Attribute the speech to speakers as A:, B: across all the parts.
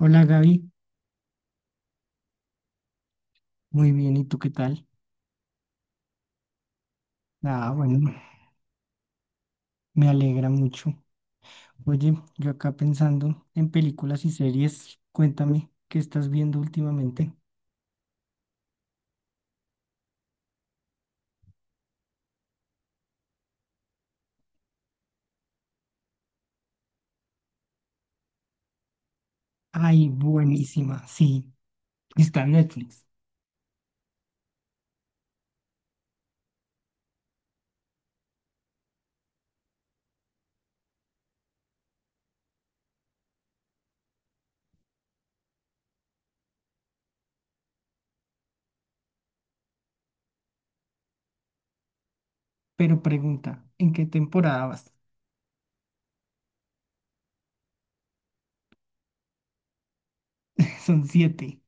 A: Hola Gaby, muy bien, ¿y tú qué tal? Ah, bueno, me alegra mucho. Oye, yo acá pensando en películas y series, cuéntame, ¿qué estás viendo últimamente? Ay, buenísima, sí, está en Netflix. Pero pregunta, ¿en qué temporada vas? Son siete.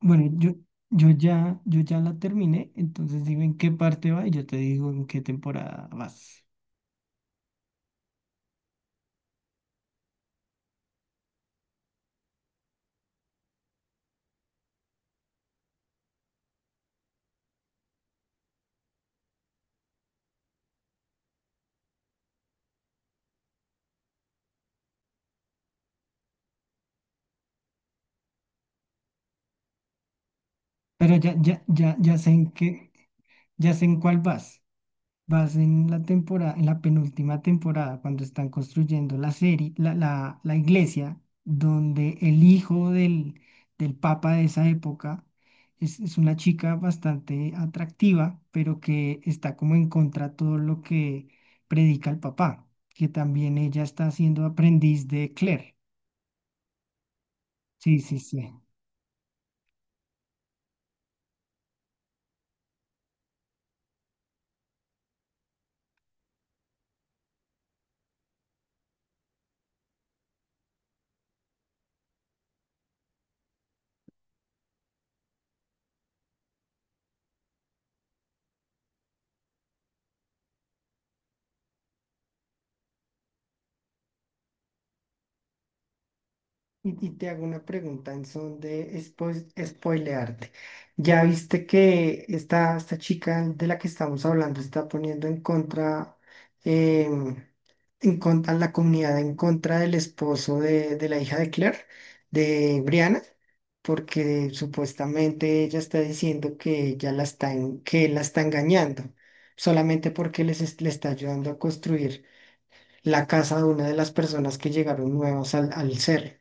A: Bueno, yo ya la terminé, entonces dime en qué parte va y yo te digo en qué temporada vas. Pero ya sé en qué, ya sé en cuál vas. Vas en la temporada, en la penúltima temporada, cuando están construyendo la serie, la iglesia, donde el hijo del papa de esa época es una chica bastante atractiva, pero que está como en contra de todo lo que predica el papá, que también ella está siendo aprendiz de Claire. Sí, sí, sí. Y te hago una pregunta en son de spoilearte. ¿Ya viste que esta chica de la que estamos hablando está poniendo en contra, em, en contra la comunidad en contra del esposo de la hija de Claire, de Brianna? Porque supuestamente ella está diciendo que ella la está en- que él la está engañando, solamente porque le está ayudando a construir la casa de una de las personas que llegaron nuevas al cerro.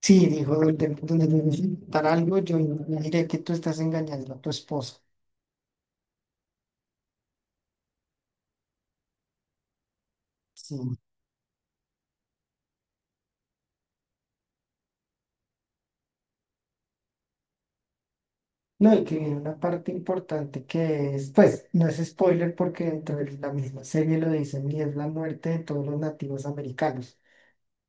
A: Sí, dijo, donde, donde me necesitan algo, yo me diré que tú estás engañando a tu esposa. Sí. No, y que viene una parte importante que es, pues, no es spoiler porque dentro de la misma serie lo dicen y es la muerte de todos los nativos americanos.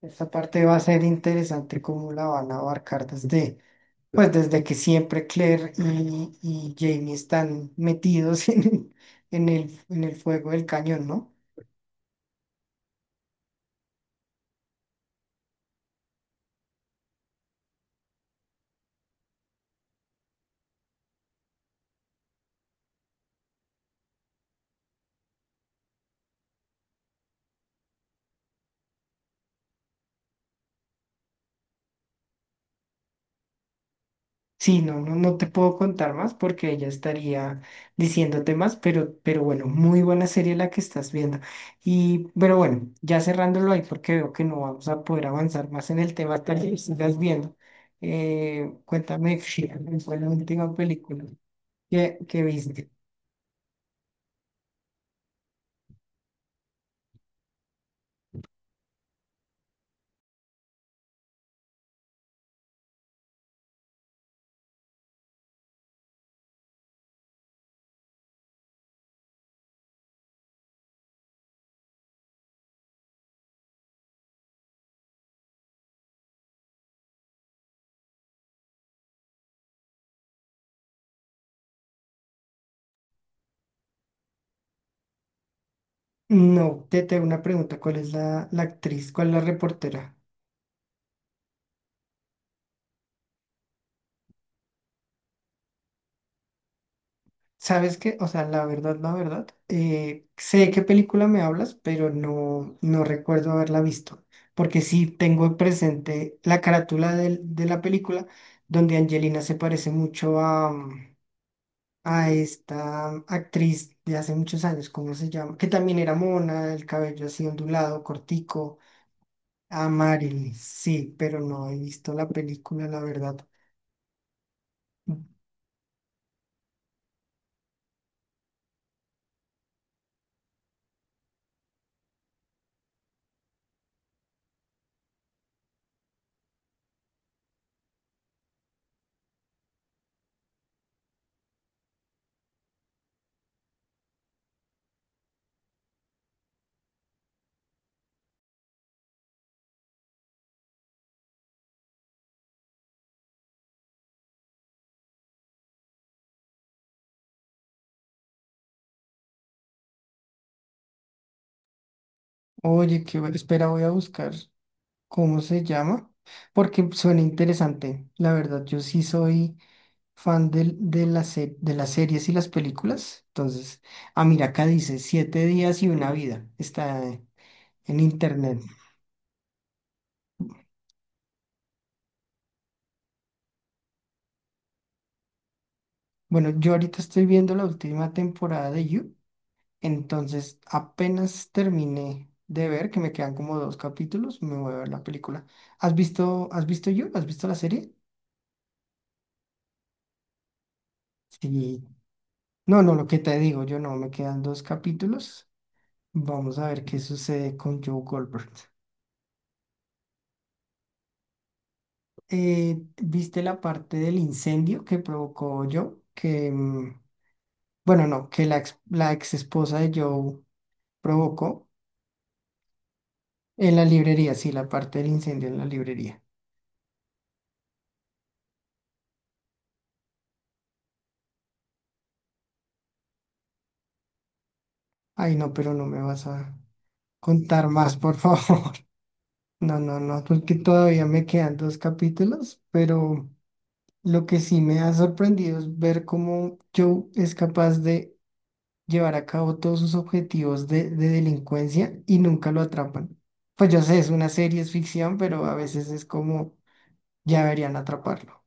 A: Esta parte va a ser interesante cómo la van a abarcar desde, pues, desde que siempre Claire y Jamie están metidos en en el fuego del cañón, ¿no? Sí, no, no, no te puedo contar más porque ella estaría diciéndote más, pero bueno, muy buena serie la que estás viendo. Y, pero bueno, ya cerrándolo ahí porque veo que no vamos a poder avanzar más en el tema hasta que sigas viendo. Cuéntame, fue la última película que viste? No, te tengo una pregunta, ¿cuál es la actriz? ¿Cuál es la reportera? ¿Sabes qué? O sea, la verdad, sé de qué película me hablas, pero no, no recuerdo haberla visto, porque sí tengo presente la carátula de, la película donde Angelina se parece mucho a, a esta actriz de hace muchos años, ¿cómo se llama? Que también era mona, el cabello así ondulado, cortico, a Marilyn, sí, pero no he visto la película, la verdad. Oye, qué bueno, espera, voy a buscar. ¿Cómo se llama? Porque suena interesante. La verdad, yo sí soy de, la de las series y las películas. Entonces, ah, mira, acá dice Siete Días y Una Vida. Está en internet. Bueno, yo ahorita estoy viendo la última temporada de You. Entonces, apenas terminé de ver, que me quedan como dos capítulos, me voy a ver la película. ¿Has visto You? ¿Has visto la serie? Sí. No, no, lo que te digo, yo no, me quedan dos capítulos. Vamos a ver qué sucede con Joe Goldberg. ¿Viste la parte del incendio que provocó Joe? Que, bueno, no, que la ex esposa de Joe provocó en la librería, sí, la parte del incendio en la librería. Ay, no, pero no me vas a contar más, por favor. No, no, no, porque todavía me quedan dos capítulos, pero lo que sí me ha sorprendido es ver cómo Joe es capaz de llevar a cabo todos sus objetivos de delincuencia y nunca lo atrapan. Pues yo sé, es una serie, es ficción, pero a veces es como ya deberían atraparlo.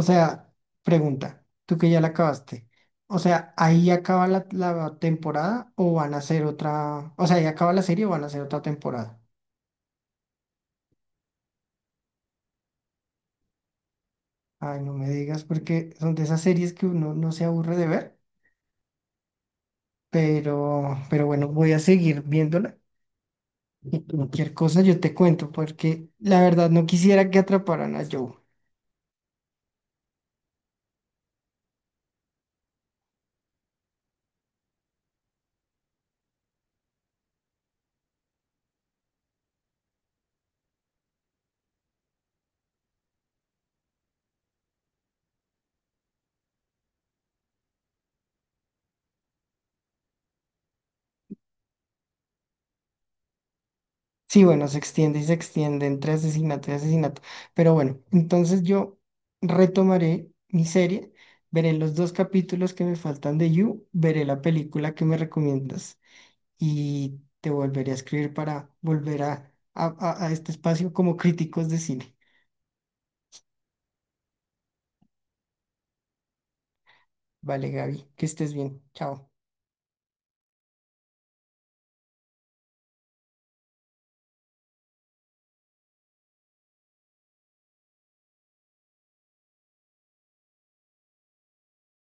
A: O sea, pregunta, tú que ya la acabaste. O sea, ¿ahí acaba la temporada o van a hacer otra? O sea, ¿ahí acaba la serie o van a hacer otra temporada? Ay, no me digas, porque son de esas series que uno no se aburre de ver, pero bueno, voy a seguir viéndola. Y cualquier cosa yo te cuento, porque la verdad no quisiera que atraparan a Joe. Sí, bueno, se extiende y se extiende entre asesinato y asesinato. Pero bueno, entonces yo retomaré mi serie, veré los dos capítulos que me faltan de You, veré la película que me recomiendas y te volveré a escribir para volver a, a este espacio como críticos de cine. Vale, Gaby, que estés bien. Chao.